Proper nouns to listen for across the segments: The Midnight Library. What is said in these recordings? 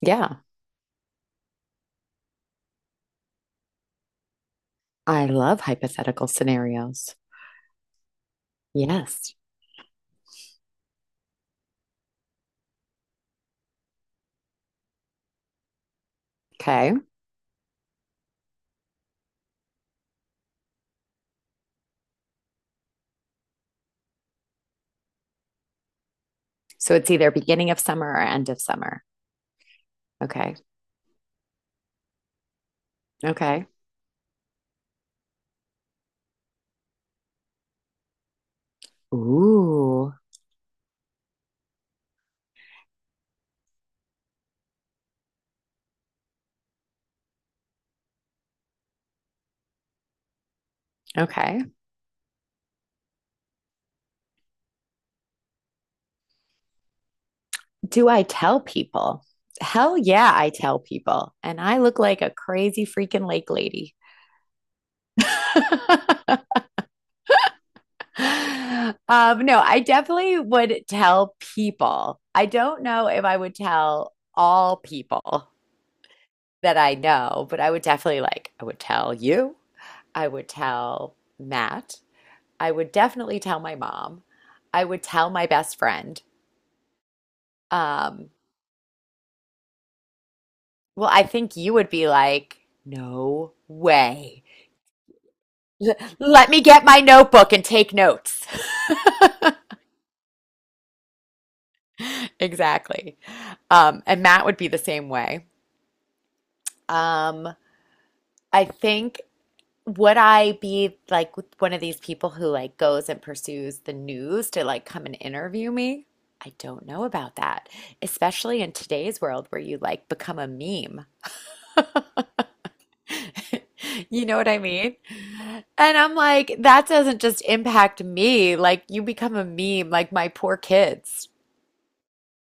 Yeah, I love hypothetical scenarios. Yes. Okay. So it's either beginning of summer or end of summer. Okay. Okay. Ooh. Okay. Do I tell people? Hell yeah, I tell people. And I look like a crazy freaking lake lady. No, I definitely would tell people. I don't know if I would tell all people that I know, but I would definitely like, I would tell you. I would tell Matt. I would definitely tell my mom. I would tell my best friend. Um, well, I think you would be like, no way. Let me get my notebook and take notes. Exactly. And Matt would be the same way. Um, I think, would I be like one of these people who like goes and pursues the news to like come and interview me? I don't know about that, especially in today's world where you like become a meme. You know what I mean? And I'm like, that doesn't just impact me. Like, you become a meme, like my poor kids.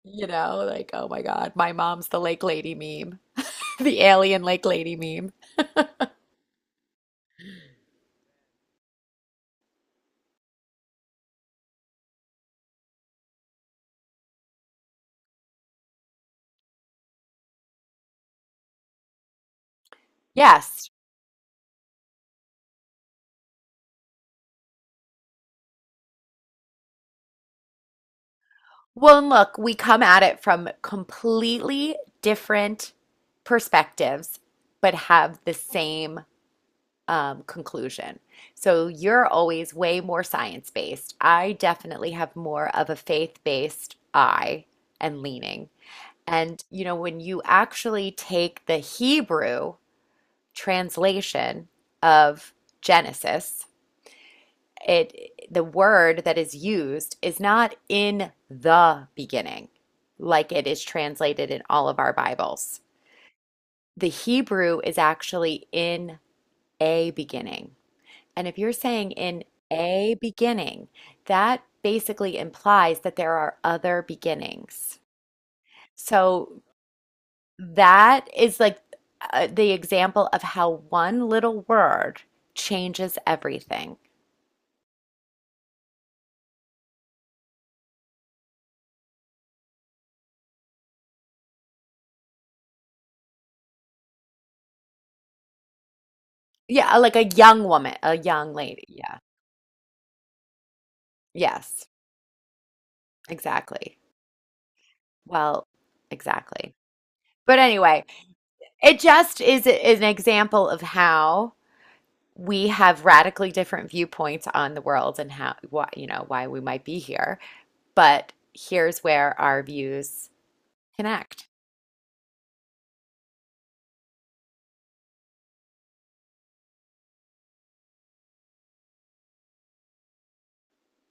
Like, oh my God, my mom's the lake lady meme, the alien lake lady meme. Yes. Well, and look, we come at it from completely different perspectives, but have the same conclusion. So you're always way more science-based. I definitely have more of a faith-based eye and leaning. And, when you actually take the Hebrew translation of Genesis, it the word that is used is not "in the beginning" like it is translated in all of our bibles. The Hebrew is actually "in a beginning." And if you're saying "in a beginning," that basically implies that there are other beginnings. So that is like, the example of how one little word changes everything. Yeah, like a young woman, a young lady. Yeah. Yes. Exactly. Well, exactly. But anyway, it just is an example of how we have radically different viewpoints on the world and how, why, why we might be here. But here's where our views connect.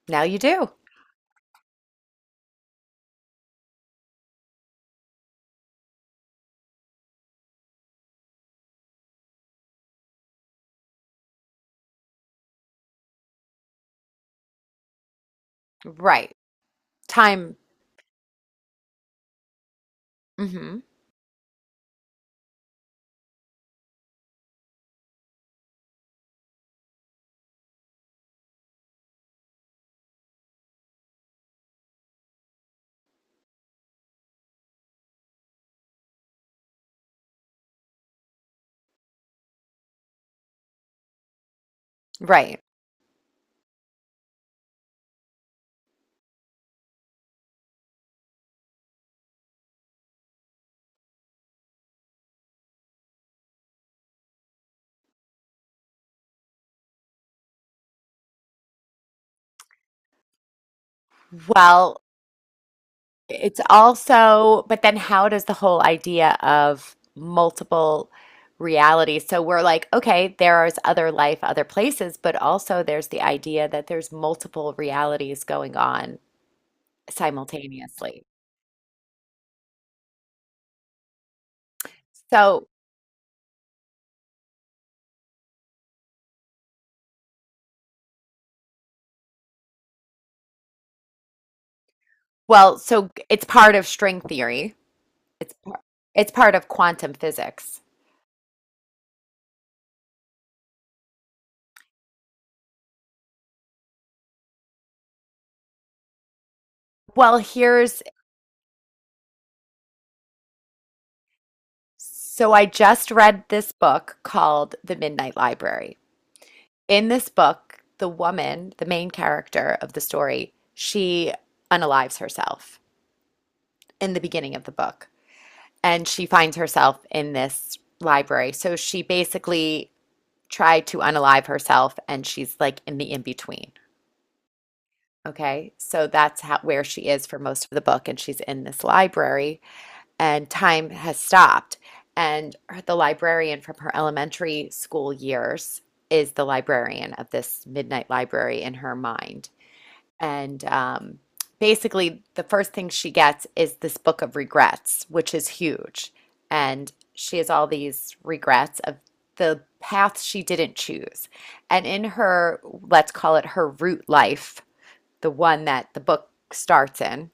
Now you do. Right. Time. Hmm. Right. Well, it's also, but then how does the whole idea of multiple realities? So we're like, okay, there is other life, other places, but also there's the idea that there's multiple realities going on simultaneously. So, well, so it's part of string theory. It's par- it's part of quantum physics. Well, here's so I just read this book called The Midnight Library. In this book, the woman, the main character of the story, she unalives herself in the beginning of the book, and she finds herself in this library. So she basically tried to unalive herself and she's like in the in between. Okay. So that's how where she is for most of the book, and she's in this library and time has stopped, and the librarian from her elementary school years is the librarian of this midnight library in her mind. And basically, the first thing she gets is this book of regrets, which is huge. And she has all these regrets of the path she didn't choose. And in her, let's call it her root life, the one that the book starts in,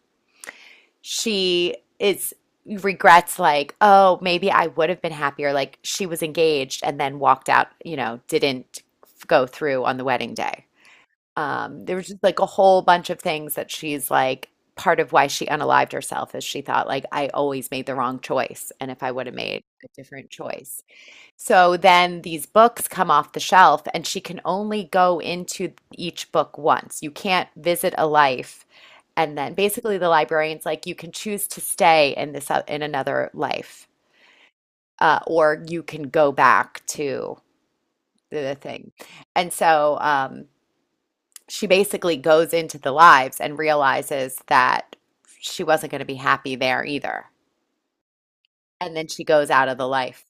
she is regrets like, oh, maybe I would have been happier. Like, she was engaged and then walked out, you know, didn't go through on the wedding day. There was just like a whole bunch of things that she's like, part of why she unalived herself is she thought, like, I always made the wrong choice. And if I would have made a different choice. So then these books come off the shelf, and she can only go into each book once. You can't visit a life. And then basically the librarian's like, you can choose to stay in this, in another life, or you can go back to the thing. And so, she basically goes into the lives and realizes that she wasn't going to be happy there either. And then she goes out of the life.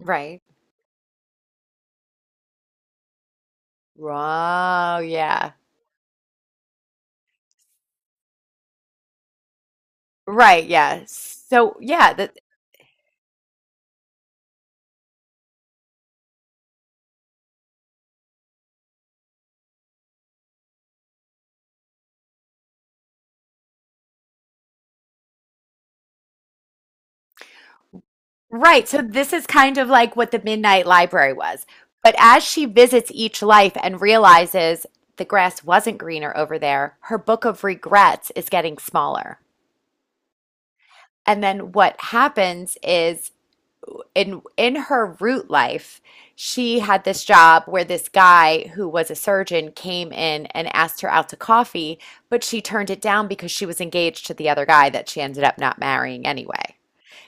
Right. Oh, yeah. Right, yeah. So, yeah, that right. So this is kind of like what the Midnight Library was. But as she visits each life and realizes the grass wasn't greener over there, her book of regrets is getting smaller. And then what happens is in her root life, she had this job where this guy who was a surgeon came in and asked her out to coffee, but she turned it down because she was engaged to the other guy that she ended up not marrying anyway.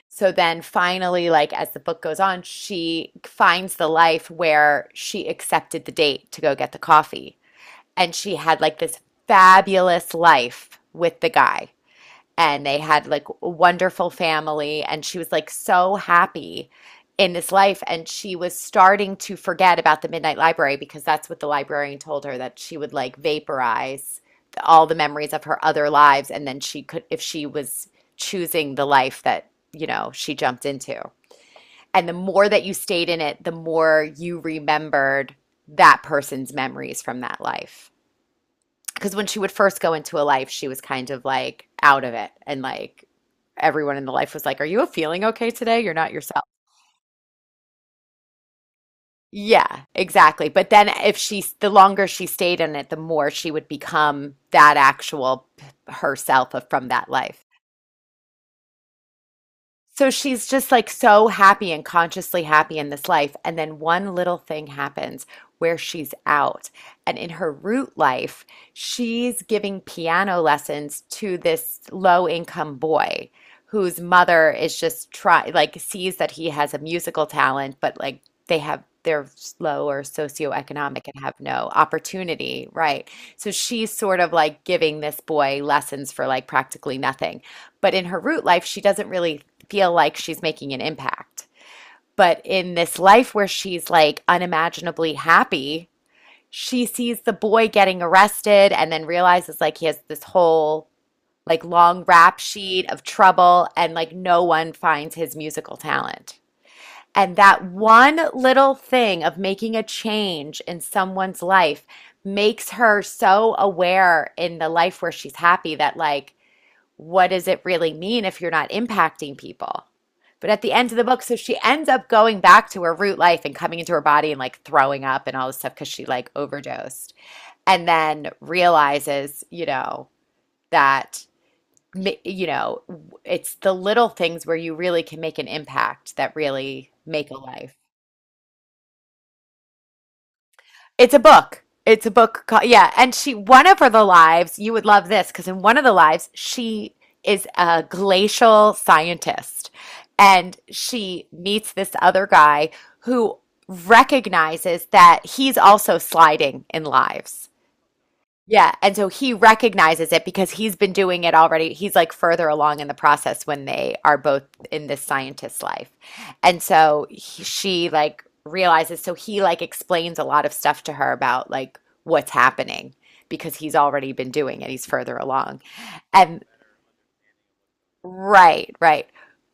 So then finally, like as the book goes on, she finds the life where she accepted the date to go get the coffee. And she had like this fabulous life with the guy, and they had like a wonderful family, and she was like so happy in this life. And she was starting to forget about the midnight library because that's what the librarian told her, that she would like vaporize all the memories of her other lives, and then she could if she was choosing the life that she jumped into. And the more that you stayed in it, the more you remembered that person's memories from that life, because when she would first go into a life, she was kind of like out of it. And like everyone in the life was like, are you feeling okay today? You're not yourself. Yeah, exactly. But then if she, the longer she stayed in it, the more she would become that actual herself of, from that life. So she's just like so happy and consciously happy in this life. And then one little thing happens where she's out. And in her root life, she's giving piano lessons to this low income boy whose mother is just try like sees that he has a musical talent, but like they're low or socioeconomic and have no opportunity, right? So she's sort of like giving this boy lessons for like practically nothing. But in her root life, she doesn't really feel like she's making an impact. But in this life where she's like unimaginably happy, she sees the boy getting arrested and then realizes like he has this whole like long rap sheet of trouble, and like no one finds his musical talent. And that one little thing of making a change in someone's life makes her so aware in the life where she's happy that, like, what does it really mean if you're not impacting people? But at the end of the book, so she ends up going back to her root life and coming into her body and like throwing up and all this stuff because she like overdosed, and then realizes, you know, that, you know, it's the little things where you really can make an impact that really make a life. It's a book. It's a book. Called, yeah. And she, one of her, the lives, you would love this because in one of the lives, she is a glacial scientist and she meets this other guy who recognizes that he's also sliding in lives. Yeah, and so he recognizes it because he's been doing it already. He's like further along in the process when they are both in this scientist's life. And so he, she like realizes, so he like explains a lot of stuff to her about like what's happening because he's already been doing it. He's further along. And. Right, right.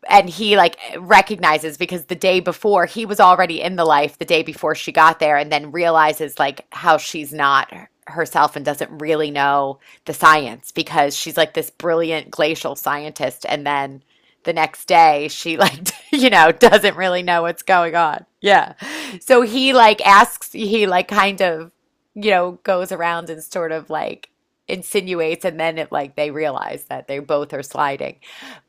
And he like recognizes because the day before he was already in the life the day before she got there, and then realizes like how she's not herself and doesn't really know the science because she's like this brilliant glacial scientist, and then the next day she like doesn't really know what's going on. Yeah. So he like asks, he like kind of goes around and sort of like insinuates, and then it like they realize that they both are sliding.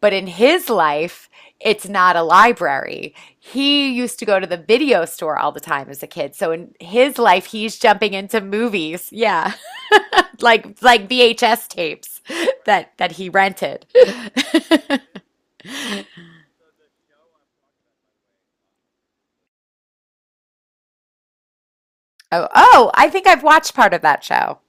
But in his life, it's not a library. He used to go to the video store all the time as a kid. So in his life, he's jumping into movies. Yeah. Like VHS tapes that he rented. Oh, I think I've watched part of that show.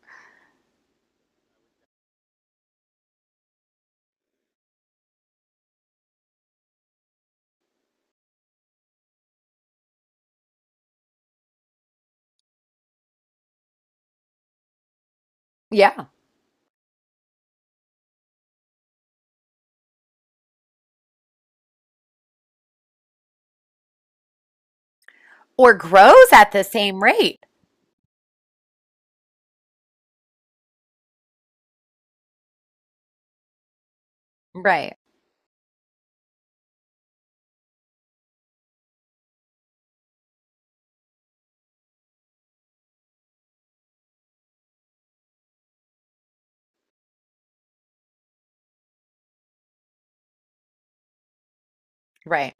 Yeah. Or grows at the same rate. Right. Right.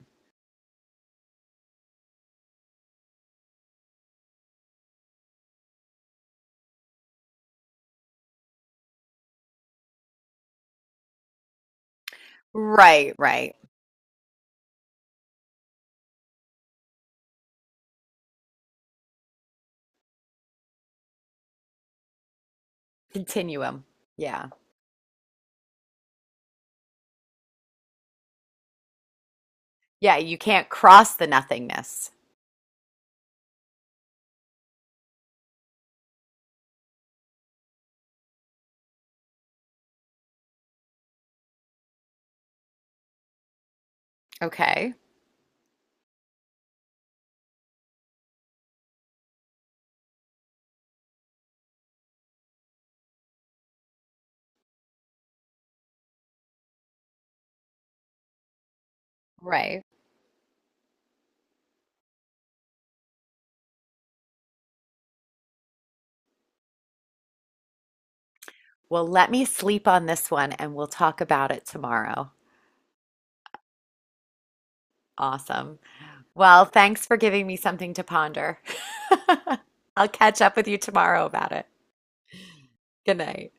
Right, right. Continuum. Yeah. Yeah, you can't cross the nothingness. Okay. Right. Well, let me sleep on this one and we'll talk about it tomorrow. Awesome. Well, thanks for giving me something to ponder. I'll catch up with you tomorrow about it. Good night.